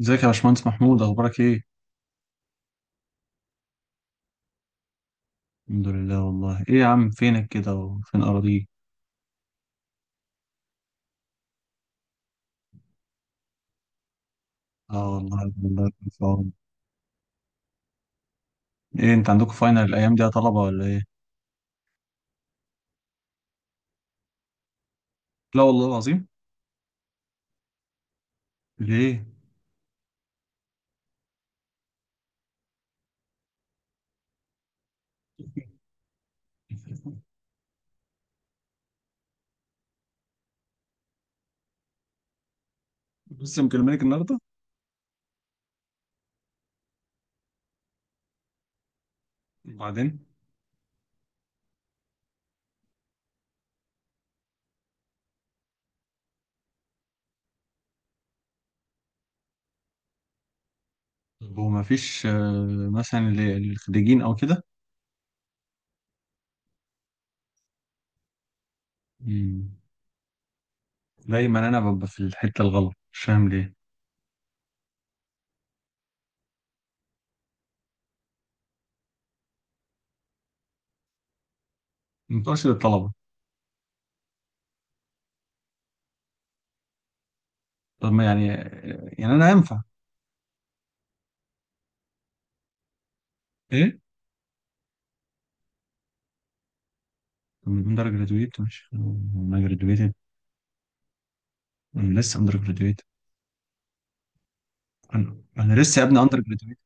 ازيك يا باشمهندس محمود اخبارك ايه؟ الحمد لله. والله ايه يا عم، فينك كده وفين اراضيك؟ اه والله، الله يكون في عونك. ايه انت عندكم فاينل الايام دي يا طلبه ولا ايه؟ لا والله العظيم. ليه؟ لسه مكلمينك النهارده؟ وبعدين؟ هو ما فيش مثلا للخريجين او كده؟ مم. دايما انا ببقى في الحته الغلط، مش فاهم ليه. ما بتقولش للطلبه؟ طب ما يعني، يعني انا ينفع؟ ايه؟ طب من اندر جرادويت، مش انا جرادويتد؟ انا لسه اندر. انا لسه يا ابني اندر جراديويت.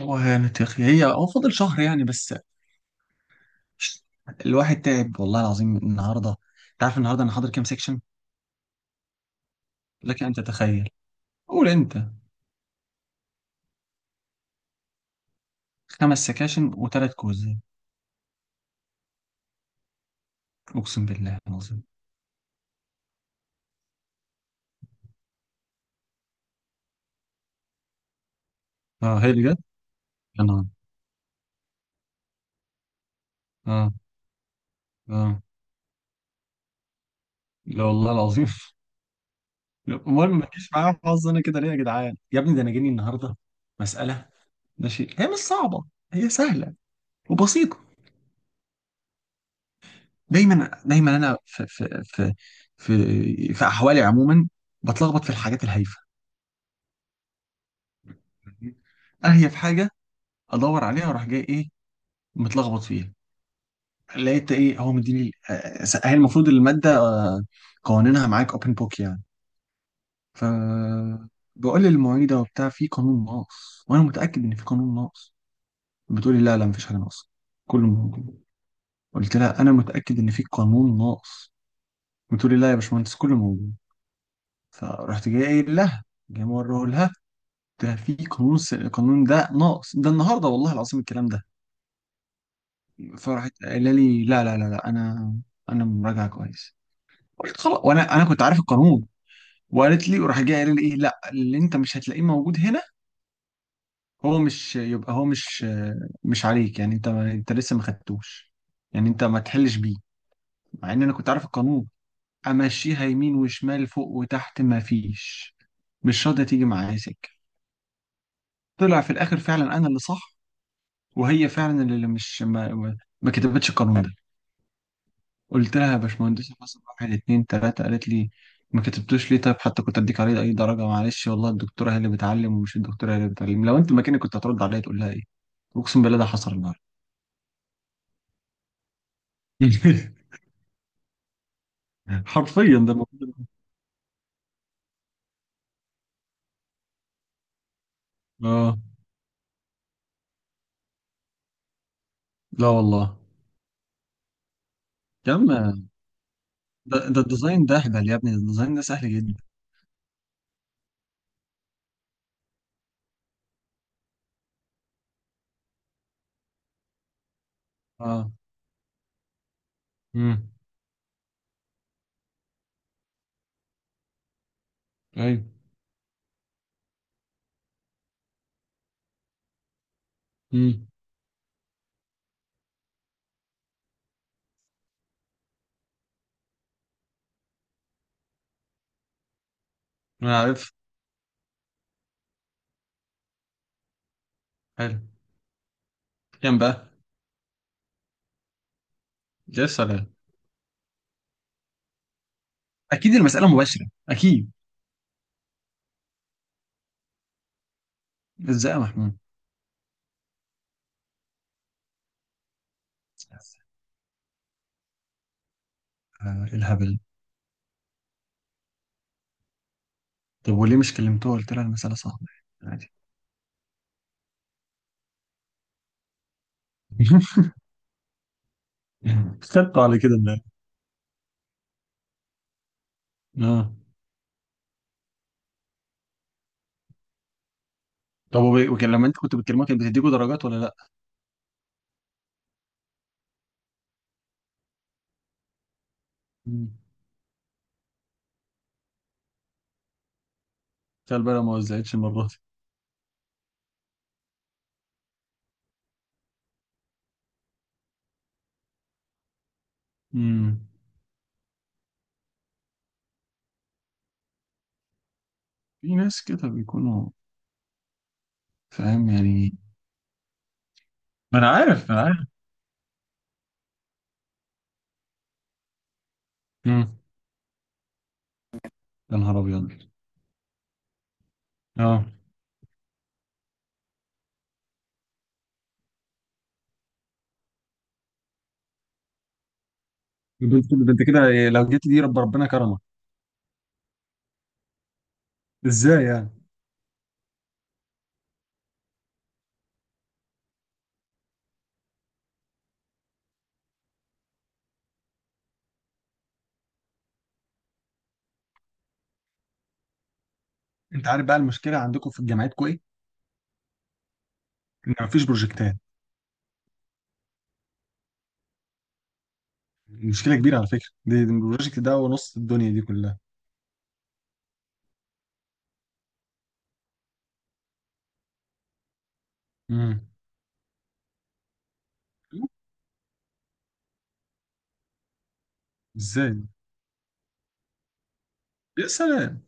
هو يعني تخ- هي هو فاضل شهر يعني بس. الواحد تعب والله العظيم النهارده. انت عارف النهارده انا حاضر كام سيكشن؟ لك ان تتخيل. قول انت. خمس سكاشن وثلاث كويزات. اقسم بالله العظيم. اه هي بجد. يا نهار. اه، اه. لا والله العظيم لا، امال ما تجيش معايا حظ؟ انا كده ليه يا جدعان؟ يا ابني ده انا جاني النهارده مساله، ماشي هي مش صعبه، هي سهله وبسيطه. دايما دايما انا في احوالي عموما بتلخبط في الحاجات الهايفه. اهي في حاجه ادور عليها واروح جاي ايه، متلخبط فيها. لقيت ايه، هو مديني، هي المفروض الماده، قوانينها معاك اوبن بوك يعني. ف بقول للمعيده وبتاع في قانون ناقص، وانا متاكد ان في قانون ناقص. بتقولي لا لا، مفيش حاجه ناقصه، كله موجود. قلت لها انا متاكد ان في قانون ناقص. بتقولي لا يا باشمهندس، كله موجود. فرحت جاي قايل لها، جاي موريه لها، ده في قانون القانون ده ناقص ده، النهارده والله العظيم الكلام ده. فراحت قايله لي لا لا لا لا، انا مراجعه كويس. قلت خلاص، وانا كنت عارف القانون. وقالت لي، وراح جاي قايله لي ايه، لا اللي انت مش هتلاقيه موجود هنا، هو مش يبقى هو مش، مش عليك يعني، انت لسه ما خدتوش، يعني انت ما تحلش بيه. مع ان انا كنت عارف القانون. امشيها يمين وشمال فوق وتحت، ما فيش، مش راضيه تيجي معايا سكه. طلع في الاخر فعلا انا اللي صح، وهي فعلا اللي مش ما كتبتش القانون ده. قلت لها يا باشمهندسة، حصل واحد اتنين تلاتة. قالت لي ما كتبتوش ليه؟ طيب حتى كنت اديك عليه اي درجة. معلش والله الدكتورة هي اللي بتعلم، ومش الدكتورة هي اللي بتعلم. لو انت مكاني كنت هترد عليا تقول لها ايه؟ اقسم بالله ده حصل النهارده حرفيا ده المفروض. اه. لا والله. يا عم، ده الديزاين ده اهبل يا ابني، ده الديزاين ده سهل جدا. اه. امم. ايوه. امم. انا عارف. حلو. كام بقى؟ يا سلام. اكيد المسألة مباشرة، اكيد. ازاي يا محمود؟ إيه الهبل؟ طب وليه مش كلمتوها، قلت لها المسألة صعبة، عادي؟ خدتوا على كده بقى. اه. طب وب- وكان لما انت كنت بتكلمها كانت بتديكوا درجات ولا لا؟ مم. تخيل بقى لو ما وزعتش المرة دي. مم. في ناس كده بيكونوا. فاهم يعني. ما انا عارف، ما انا عارف. مم. يا نهار ابيض. اه. ده انت، ده انت كده لو جيت دي، ربنا كرمك. ازاي يعني؟ انت عارف بقى المشكلة عندكم في جامعتكم ايه؟ ان مفيش بروجكتات. مشكلة كبيرة على فكرة دي البروجكت ده، ونص الدنيا دي كلها. مم. ازاي؟ يا سلام.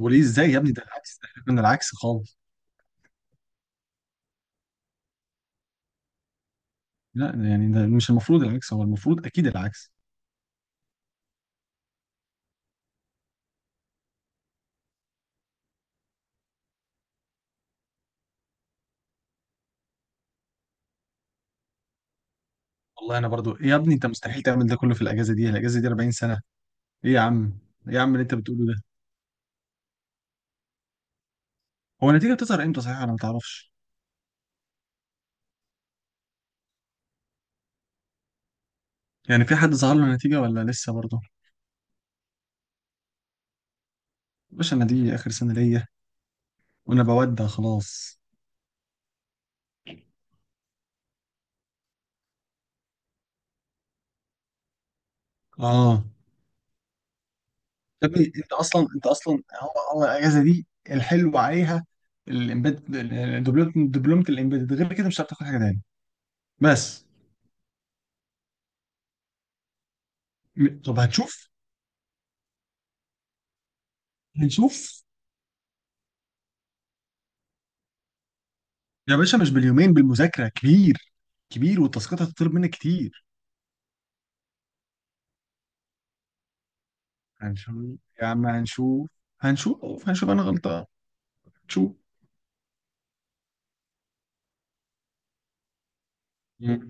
وليه؟ ازاي يا ابني، ده العكس، ده احنا كنا العكس خالص. لا يعني ده مش المفروض العكس، هو المفروض اكيد العكس. والله انا برضو إيه يا ابني، انت مستحيل تعمل ده كله في الاجازه دي 40 سنه. ايه يا عم. ايه يا عم اللي انت بتقوله ده؟ هو النتيجه بتظهر امتى صحيح؟ انا ما تعرفش. يعني في حد ظهر له النتيجه ولا لسه برضو؟ باشا انا دي اخر سنه ليا، وانا بودع خلاص. اه. يا ابني انت اصلا هو الاجازه دي الحلو عليها الامبيد. دبلومه الامبيد، غير كده مش هتعرف تاخد حاجه تاني. بس. طب هنشوف. هنشوف. يا باشا مش باليومين، بالمذاكرة كبير، كبير، والتاسكات هتطلب منك كتير. هنشوف يا عم، هنشوف هنشوف هنشوف، انا غلطان، هنشوف. مم.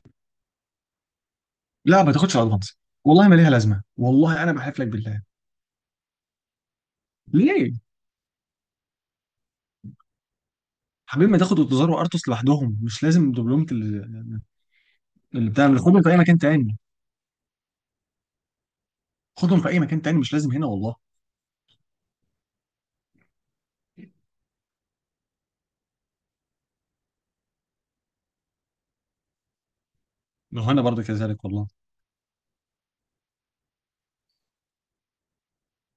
لا ما تاخدش الادفانس، والله ما ليها لازمة، والله انا بحلف لك بالله. ليه؟ حبيبي ما تاخد اوتوزار وارتوس لوحدهم، مش لازم دبلومة ال-، اللي بتاع اللي خدهم في اي مكان تاني، خدهم في اي مكان تاني، مش لازم هنا والله. ما هو انا برضه كذلك والله.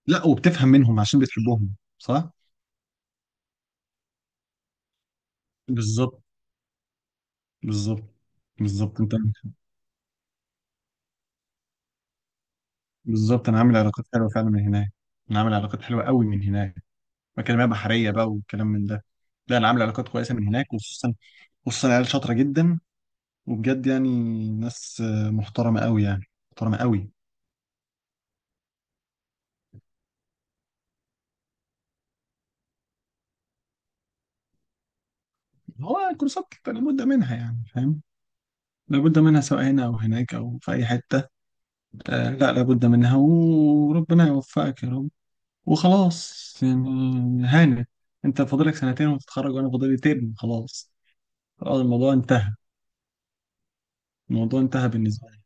لا، وبتفهم منهم عشان بتحبهم، صح. بالظبط. بالظبط. بالظبط انت. بالظبط، انا عامل علاقات حلوه فعلا من هناك. انا عامل علاقات حلوه قوي من هناك، مكالمات بحريه بقى والكلام من ده. لا انا عامل علاقات كويسه من هناك، وخصوصا خصوصا عيال شاطره جدا، وبجد يعني ناس، محترمه قوي يعني، محترمه قوي. هو الكورسات لابد منها يعني، فاهم، لابد منها سواء هنا او هناك او في اي حته. آه لا، لابد منها، وربنا يوفقك يا رب. وخلاص يعني هانت، انت فاضلك سنتين وتتخرج، وانا فاضلي ترم خلاص. خلاص الموضوع انتهى. الموضوع انتهى بالنسبه لي.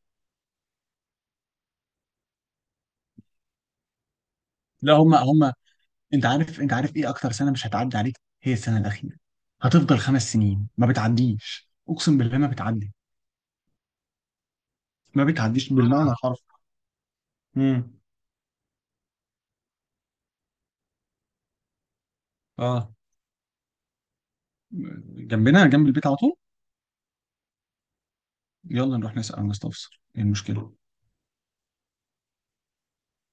لا، هم. انت عارف ايه اكتر سنه مش هتعدي عليك؟ هي السنه الاخيره، هتفضل خمس سنين ما بتعديش، اقسم بالله ما بتعدي، ما بتعديش بالمعنى الحرفي. امم. اه. جنبنا، جنب البيت على طول. يلا نروح نسال مستفسر ايه المشكله.